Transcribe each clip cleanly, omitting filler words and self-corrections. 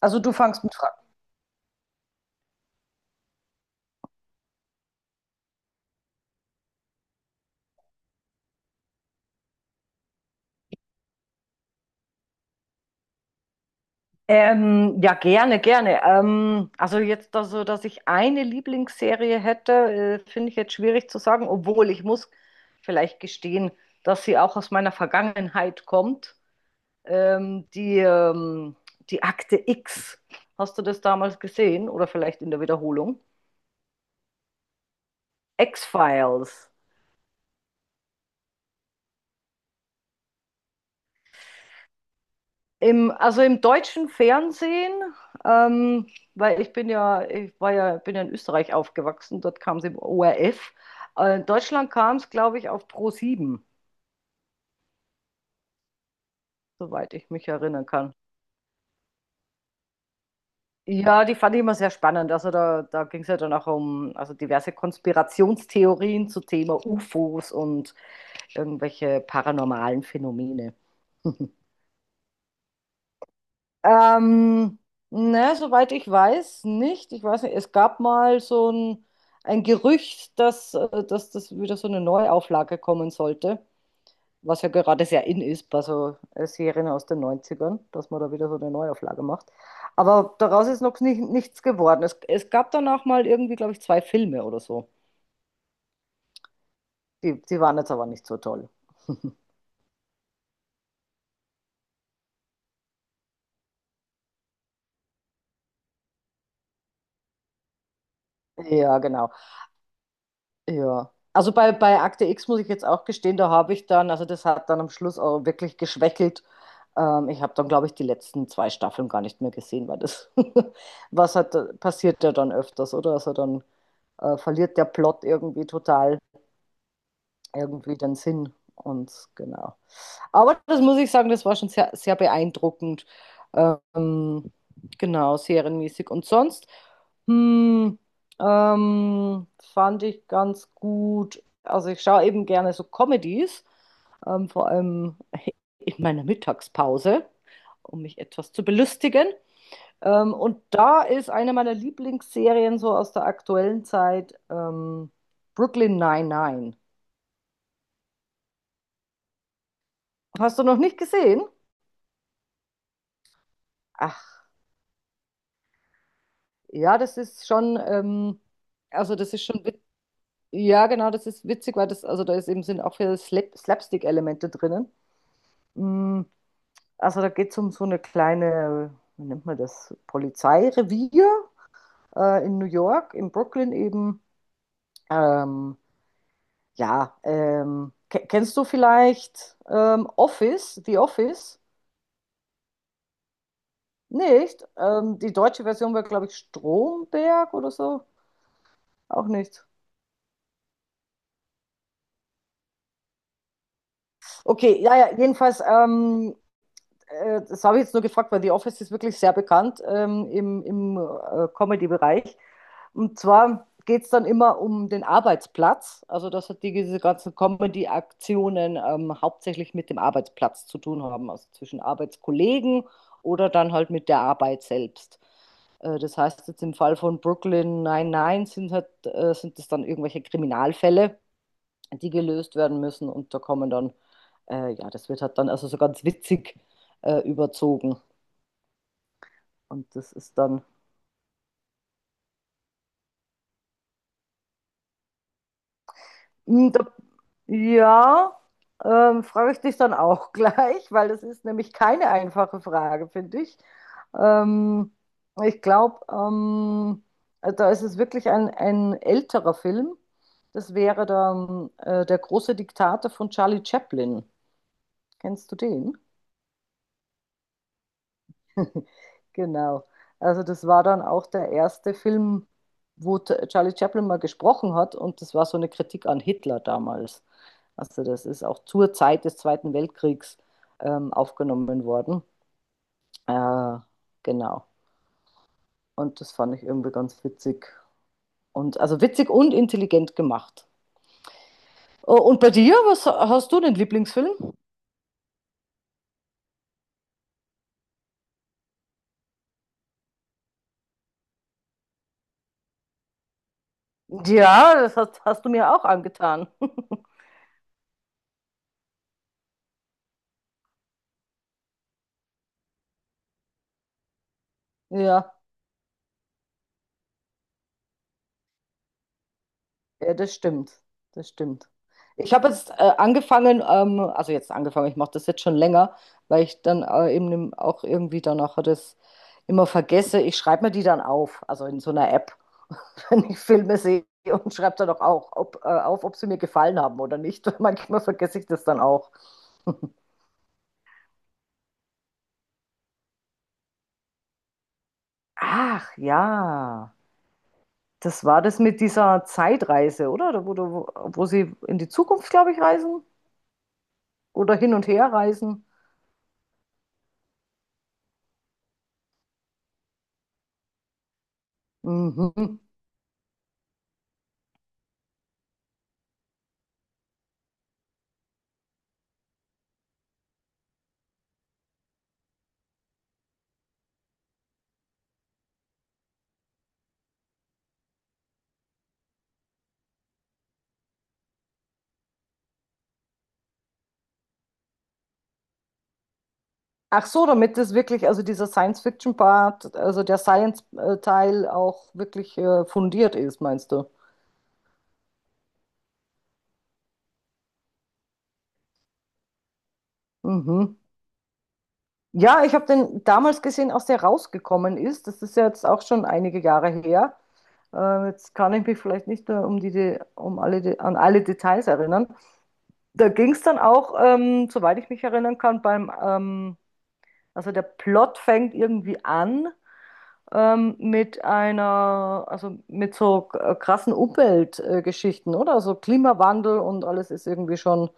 Also du fangst mit Fragen. Ja, gerne, gerne. Also jetzt, also, dass ich eine Lieblingsserie hätte, finde ich jetzt schwierig zu sagen, obwohl ich muss vielleicht gestehen, dass sie auch aus meiner Vergangenheit kommt. Ähm, die, ähm, die Akte X. Hast du das damals gesehen? Oder vielleicht in der Wiederholung? X-Files. Also im deutschen Fernsehen, ähm, weil ich bin ja, ich war ja, bin ja in Österreich aufgewachsen, dort kam es im ORF. In Deutschland kam es, glaube ich, auf pro sieben, soweit ich mich erinnern kann. Ja, die fand ich immer sehr spannend. Also da ging es ja dann auch um also diverse Konspirationstheorien zu Thema UFOs und irgendwelche paranormalen Phänomene. Ähm, ne, soweit ich weiß, nicht. Ich weiß nicht, es gab mal so ein Gerücht, dass das wieder so eine Neuauflage kommen sollte, was ja gerade sehr in ist bei so Serien aus den Neunzigern, dass man da wieder so eine Neuauflage macht. Aber daraus ist noch nichts geworden. Es gab danach mal irgendwie, glaube ich, zwei Filme oder so. Die waren jetzt aber nicht so toll. Ja, genau. Ja. Also bei Akte X muss ich jetzt auch gestehen, da habe ich dann, also das hat dann am Schluss auch wirklich geschwächelt. Ich habe dann, glaube ich, die letzten zwei Staffeln gar nicht mehr gesehen, weil was hat, passiert ja dann öfters, oder? Also dann verliert der Plot irgendwie total irgendwie den Sinn. Und genau. Aber das muss ich sagen, das war schon sehr, sehr beeindruckend. Ähm, genau, serienmäßig. Und sonst hm, ähm, fand ich ganz gut. Also ich schaue eben gerne so Comedies, vor allem in meiner Mittagspause, um mich etwas zu belustigen. Und da ist eine meiner Lieblingsserien so aus der aktuellen Zeit Brooklyn Nine-Nine. Hast du noch nicht gesehen? Ach, ja, das ist schon, also das ist schon, ja, genau, das ist witzig, weil das, also da ist eben, sind auch viele Slapstick-Elemente drinnen. Mm, also da geht es um so eine kleine, wie nennt man das, Polizeirevier in New York, in Brooklyn eben. Ähm, ja, kennst du vielleicht Office, The Office? Nicht. Die deutsche Version war, glaube ich, Stromberg oder so. Auch nicht. Okay, ja, ja, jedenfalls, das habe ich jetzt nur gefragt, weil The Office ist wirklich sehr bekannt im, im Comedy-Bereich. Und zwar geht es dann immer um den Arbeitsplatz, also dass halt diese ganzen Comedy-Aktionen hauptsächlich mit dem Arbeitsplatz zu tun haben, also zwischen Arbeitskollegen oder dann halt mit der Arbeit selbst. Das heißt, jetzt im Fall von Brooklyn 99 sind es dann irgendwelche Kriminalfälle die gelöst werden müssen. Und da kommen dann, ja, das wird halt dann also so ganz witzig überzogen. Und das ist dann, Mm, da, ja, frage ich dich dann auch gleich, weil das ist nämlich keine einfache Frage, finde ich. Ähm, ich glaube, da ist es wirklich ein älterer Film. Das wäre der große Diktator von Charlie Chaplin. Kennst du den? Genau. Also das war dann auch der erste Film, wo Charlie Chaplin mal gesprochen hat und das war so eine Kritik an Hitler damals. Also das ist auch zur Zeit des Zweiten Weltkriegs aufgenommen worden. Äh, genau. Und das fand ich irgendwie ganz witzig. Und also witzig und intelligent gemacht. Oh, und bei dir, was hast du den Lieblingsfilm? Ja, das hast du mir auch angetan. Ja. Ja, das stimmt. Das stimmt. Ich habe jetzt angefangen, also jetzt angefangen, ich mache das jetzt schon länger, weil ich dann eben auch irgendwie danach das immer vergesse. Ich schreibe mir die dann auf, also in so einer App, wenn ich Filme sehe und schreibe dann auch, auch ob sie mir gefallen haben oder nicht. Manchmal vergesse ich das dann auch. Ach ja, das war das mit dieser Zeitreise, oder? Wo sie in die Zukunft, glaube ich, reisen oder hin und her reisen. Mhm. Ach so, damit das wirklich, also dieser Science-Fiction-Part, also der Science-Teil auch wirklich fundiert ist, meinst du? Mhm. Ja, ich habe den damals gesehen, als der rausgekommen ist. Das ist ja jetzt auch schon einige Jahre her. Jetzt kann ich mich vielleicht nicht mehr um die, De- um alle, De- an alle Details erinnern. Da ging es dann auch, soweit ich mich erinnern kann, beim, also der Plot fängt irgendwie an mit einer, also mit so krassen Umweltgeschichten, oder? Also Klimawandel und alles ist irgendwie schon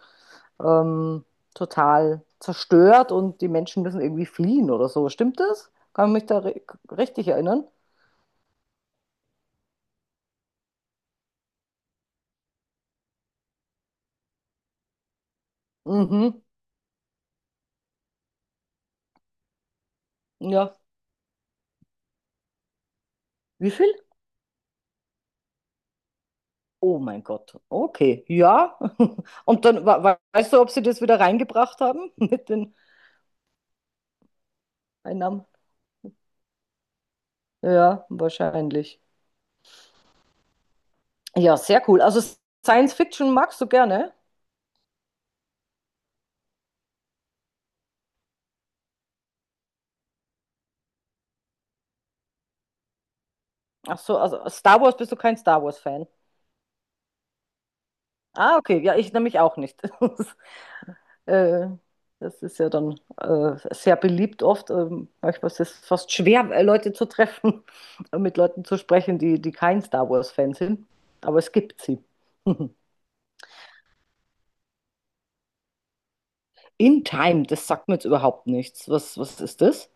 ähm, total zerstört und die Menschen müssen irgendwie fliehen oder so. Stimmt das? Kann ich mich da richtig erinnern? Mhm. Ja. Wie viel? Oh mein Gott. Okay. Ja. Und dann weißt du, ob sie das wieder reingebracht haben mit den Einnahmen? Ja, wahrscheinlich. Ja, sehr cool. Also Science Fiction magst du gerne? Ach so, also Star Wars, bist du kein Star Wars-Fan. Ah, okay, ja, ich nämlich auch nicht. Äh, Das ist ja dann sehr beliebt oft. Manchmal ist es fast schwer, Leute zu treffen, und mit Leuten zu sprechen, die, die kein Star Wars-Fan sind. Aber es gibt sie. In Time, das sagt mir jetzt überhaupt nichts. Was ist das?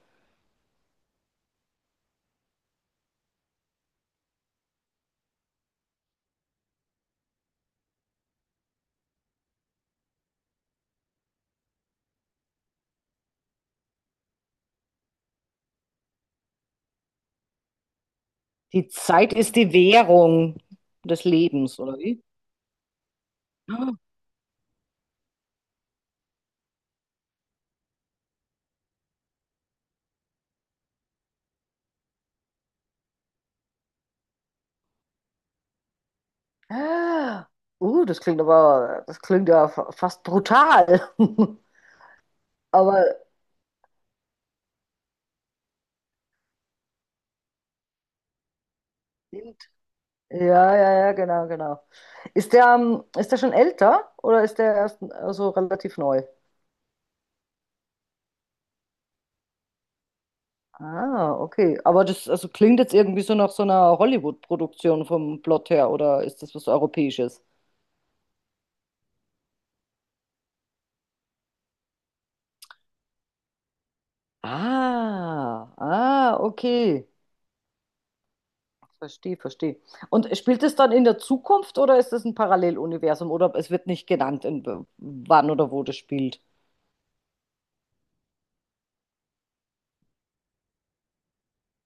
Die Zeit ist die Währung des Lebens, oder wie? Ah, ah. Das klingt aber, das klingt ja fast brutal. Aber ja, ja, ja, genau, genau. Ist der schon älter oder ist der erst also relativ neu? Ah, okay. Aber das also klingt jetzt irgendwie so nach so einer Hollywood-Produktion vom Plot her oder ist das was Europäisches? Ah, ah, okay. Verstehe, verstehe. Und spielt es dann in der Zukunft oder ist es ein Paralleluniversum oder es wird nicht genannt, wann oder wo das spielt?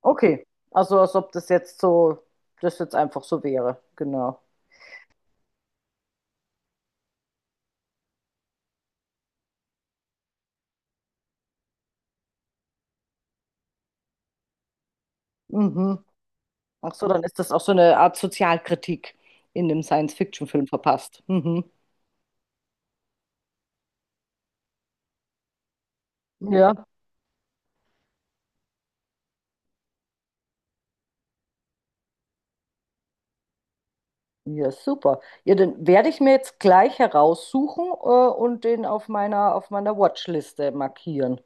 Okay, also als ob das jetzt einfach so wäre, genau. Mhm. Ach so, dann ist das auch so eine Art Sozialkritik in dem Science-Fiction-Film verpasst. Mhm. Ja. Ja, super. Ja, den werde ich mir jetzt gleich heraussuchen, und den auf meiner Watchliste markieren.